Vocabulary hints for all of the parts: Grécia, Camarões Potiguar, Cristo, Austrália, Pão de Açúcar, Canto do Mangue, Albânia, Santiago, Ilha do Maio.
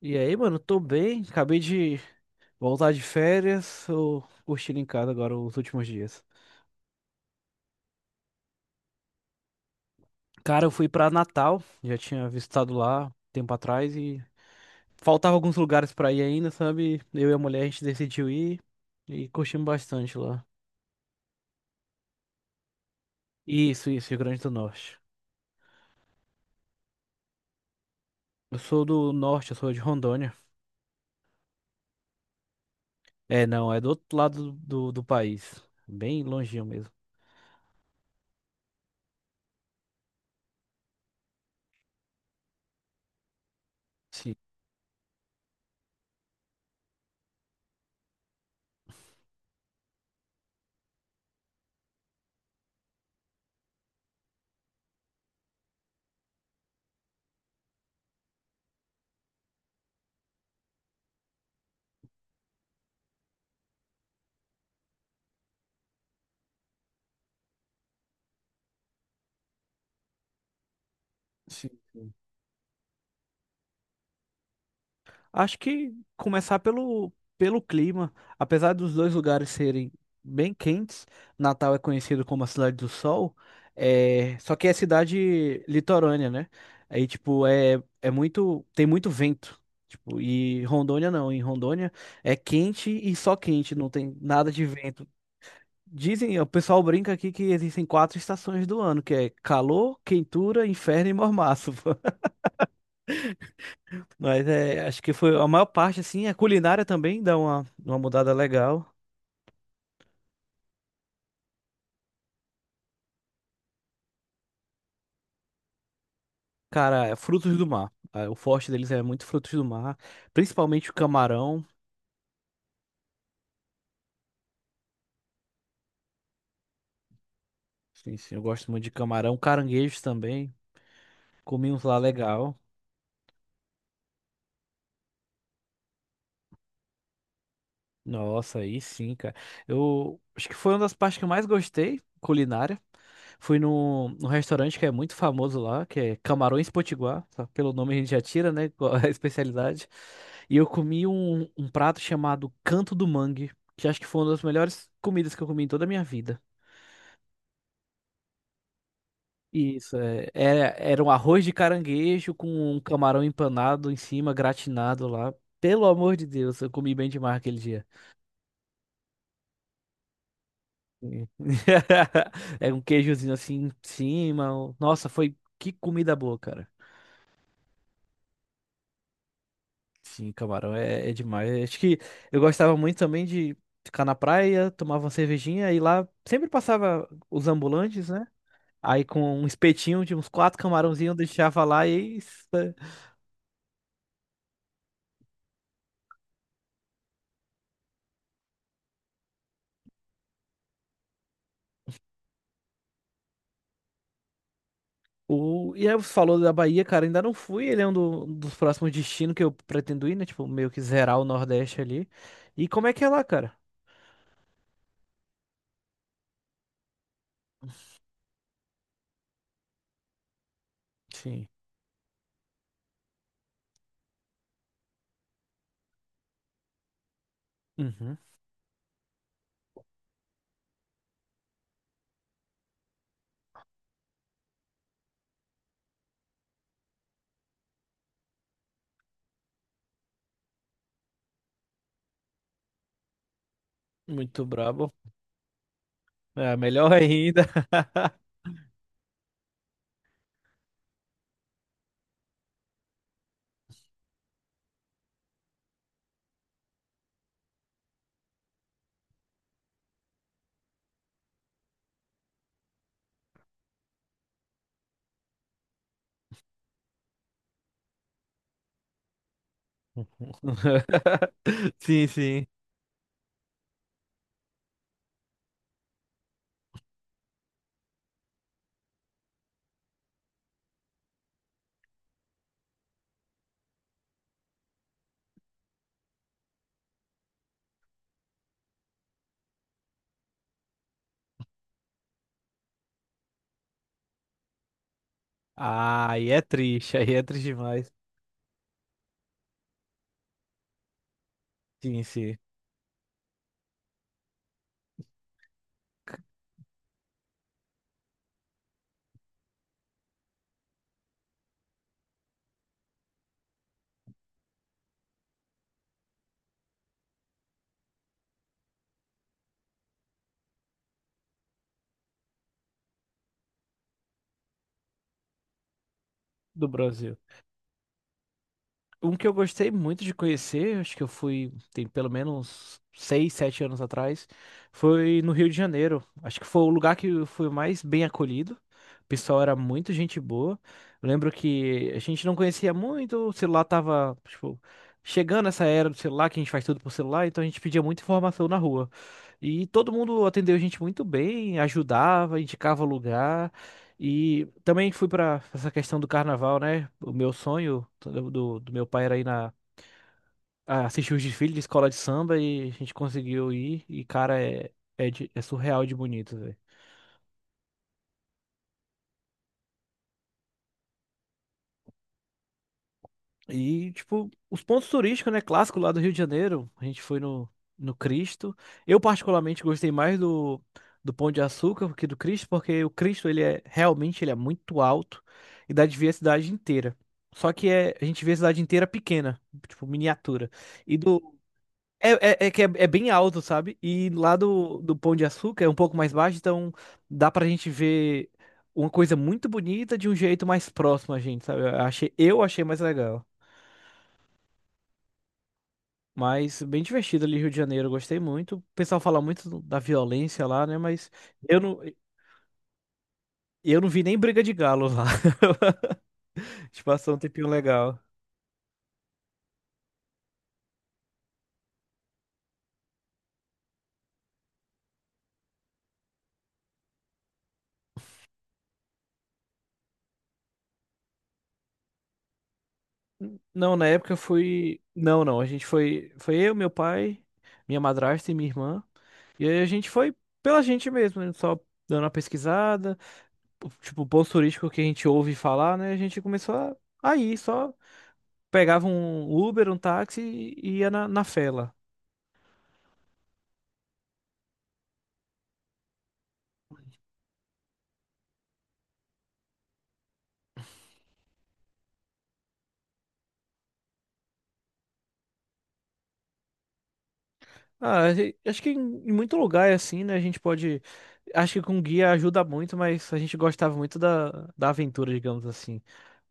E aí, mano, tô bem. Acabei de voltar de férias. Tô curtindo em casa agora os últimos dias. Cara, eu fui pra Natal, já tinha visitado lá tempo atrás e faltava alguns lugares pra ir ainda, sabe? Eu e a mulher, a gente decidiu ir e curtimos bastante lá. Isso, Rio Grande do Norte. Eu sou do norte, eu sou de Rondônia. É, não, é do outro lado do país, bem longinho mesmo. Sim, sim. Acho que começar pelo clima, apesar dos dois lugares serem bem quentes. Natal é conhecido como a cidade do sol, é, só que é cidade litorânea, né? Aí, tipo, é muito, tem muito vento, tipo, e Rondônia não, em Rondônia é quente e só quente, não tem nada de vento. Dizem, o pessoal brinca aqui que existem quatro estações do ano, que é calor, quentura, inferno e mormaço. Mas é, acho que foi a maior parte, assim. A culinária também dá uma mudada legal. Cara, é frutos do mar. Ah, o forte deles é muito frutos do mar, principalmente o camarão. Sim, sim, eu gosto muito de camarão, caranguejos também. Comi uns lá legal. Nossa, aí sim, cara. Eu acho que foi uma das partes que eu mais gostei, culinária. Fui num restaurante que é muito famoso lá, que é Camarões Potiguar. Só pelo nome a gente já tira, né? Qual é a especialidade. E eu comi um prato chamado Canto do Mangue, que acho que foi uma das melhores comidas que eu comi em toda a minha vida. Isso, é, era um arroz de caranguejo com um camarão empanado em cima, gratinado lá. Pelo amor de Deus, eu comi bem demais aquele dia. É um queijozinho assim em cima. Nossa, foi que comida boa, cara. Sim, camarão é demais. Acho que eu gostava muito também de ficar na praia, tomava uma cervejinha e lá sempre passava os ambulantes, né? Aí com um espetinho de uns quatro camarãozinhos eu deixava lá e isso, né? o e aí você falou da Bahia, cara, ainda não fui, ele é um dos próximos destinos que eu pretendo ir, né? Tipo, meio que zerar o Nordeste ali. E como é que é lá, cara? Sim. Uhum. Muito brabo. É, melhor ainda. Sim, sim. Ah, aí é triste demais. Sim, sim. Do Brasil. Um que eu gostei muito de conhecer, acho que eu fui, tem pelo menos seis, sete anos atrás, foi no Rio de Janeiro. Acho que foi o lugar que eu fui mais bem acolhido. O pessoal era muito gente boa. Eu lembro que a gente não conhecia muito, o celular tava, tipo, chegando essa era do celular, que a gente faz tudo por celular, então a gente pedia muita informação na rua. E todo mundo atendeu a gente muito bem, ajudava, indicava lugar. E também fui pra essa questão do carnaval, né? O meu sonho do meu pai era ir na, a assistir os desfiles de escola de samba e a gente conseguiu ir. E, cara, é surreal de bonito, velho. E, tipo, os pontos turísticos, né? Clássico lá do Rio de Janeiro. A gente foi no Cristo. Eu, particularmente, gostei mais do, do Pão de Açúcar que do Cristo, porque o Cristo, ele é realmente, ele é muito alto e dá de ver a cidade inteira. Só que é, a gente vê a cidade inteira pequena, tipo, miniatura. E do, É, é que é, é bem alto, sabe? E lá do Pão de Açúcar é um pouco mais baixo, então dá pra gente ver uma coisa muito bonita de um jeito mais próximo a gente, sabe? Eu achei mais legal. Mas bem divertido ali, Rio de Janeiro, eu gostei muito. O pessoal fala muito da violência lá, né? Mas eu não, eu não vi nem briga de galo lá. A gente passou um tempinho legal. Não, na época eu fui. Não, não, a gente foi. Foi eu, meu pai, minha madrasta e minha irmã. E aí a gente foi pela gente mesmo, né? Só dando uma pesquisada, tipo, ponto turístico que a gente ouve falar, né? A gente começou a ir, só pegava um Uber, um táxi e ia na, na fela. Ah, acho que em muito lugar é assim, né? A gente pode. Acho que com guia ajuda muito, mas a gente gostava muito da, da aventura, digamos assim.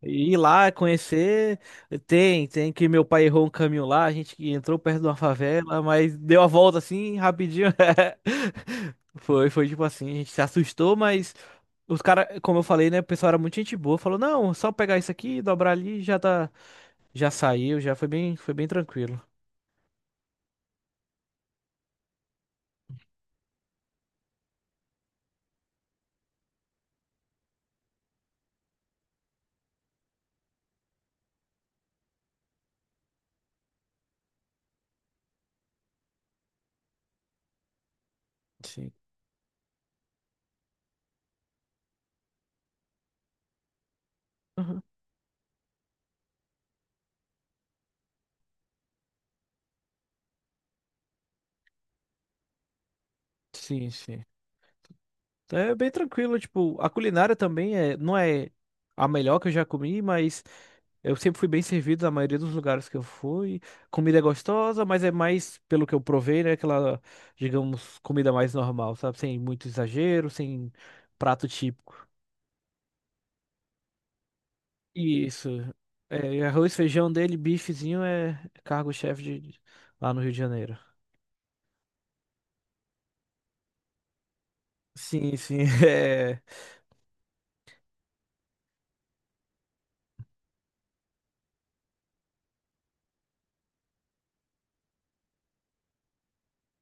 E ir lá, conhecer. Tem, tem que meu pai errou um caminho lá, a gente que entrou perto de uma favela, mas deu a volta assim, rapidinho. Foi tipo assim, a gente se assustou, mas os caras, como eu falei, né? O pessoal era muito gente boa, falou: não, só pegar isso aqui, dobrar ali, já tá. Já saiu, foi bem tranquilo. Sim. Uhum. Sim, sim. Então, é bem tranquilo, tipo, a culinária também é, não é a melhor que eu já comi, mas eu sempre fui bem servido na maioria dos lugares que eu fui. Comida é gostosa, mas é mais, pelo que eu provei, né, aquela, digamos, comida mais normal, sabe? Sem muito exagero, sem prato típico. Isso. É, e arroz, feijão dele, bifezinho é cargo-chefe de- lá no Rio de Janeiro. Sim, sim, é.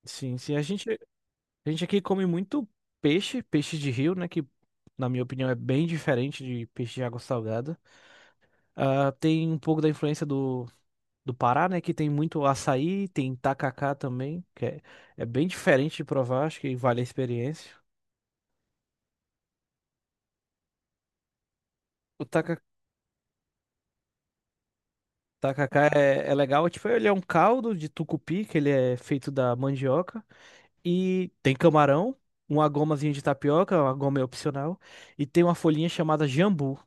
Sim, sim, a gente. A gente aqui come muito peixe, peixe de rio, né? Que, na minha opinião, é bem diferente de peixe de água salgada. Ah, tem um pouco da influência do Pará, né? Que tem muito açaí, tem tacacá também, que é, é bem diferente de provar, acho que vale a experiência. O taca, tacacá é legal, é tipo, ele é um caldo de tucupi, que ele é feito da mandioca, e tem camarão, uma gomazinha de tapioca, uma goma é opcional, e tem uma folhinha chamada jambu.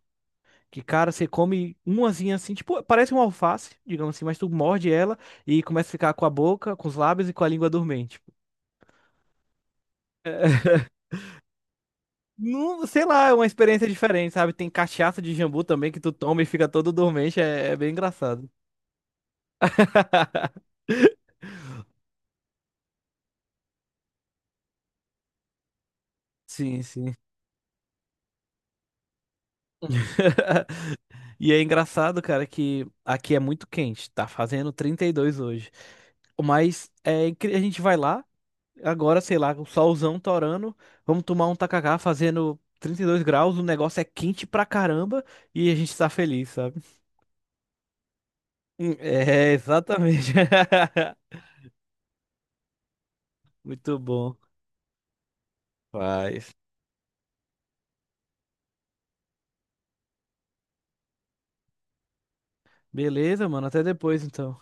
Que, cara, você come umazinha assim, tipo, parece uma alface, digamos assim, mas tu morde ela e começa a ficar com a boca, com os lábios e com a língua dormente. Não, sei lá, é uma experiência diferente, sabe? Tem cachaça de jambu também que tu toma e fica todo dormente, é, é bem engraçado. Sim, sim. E é engraçado, cara, que aqui é muito quente, tá fazendo 32 hoje. A gente vai lá. Agora, sei lá, o solzão torando, vamos tomar um tacacá fazendo 32 graus, o negócio é quente pra caramba e a gente tá feliz, sabe? É, exatamente. Muito bom. Faz. Beleza, mano, até depois então.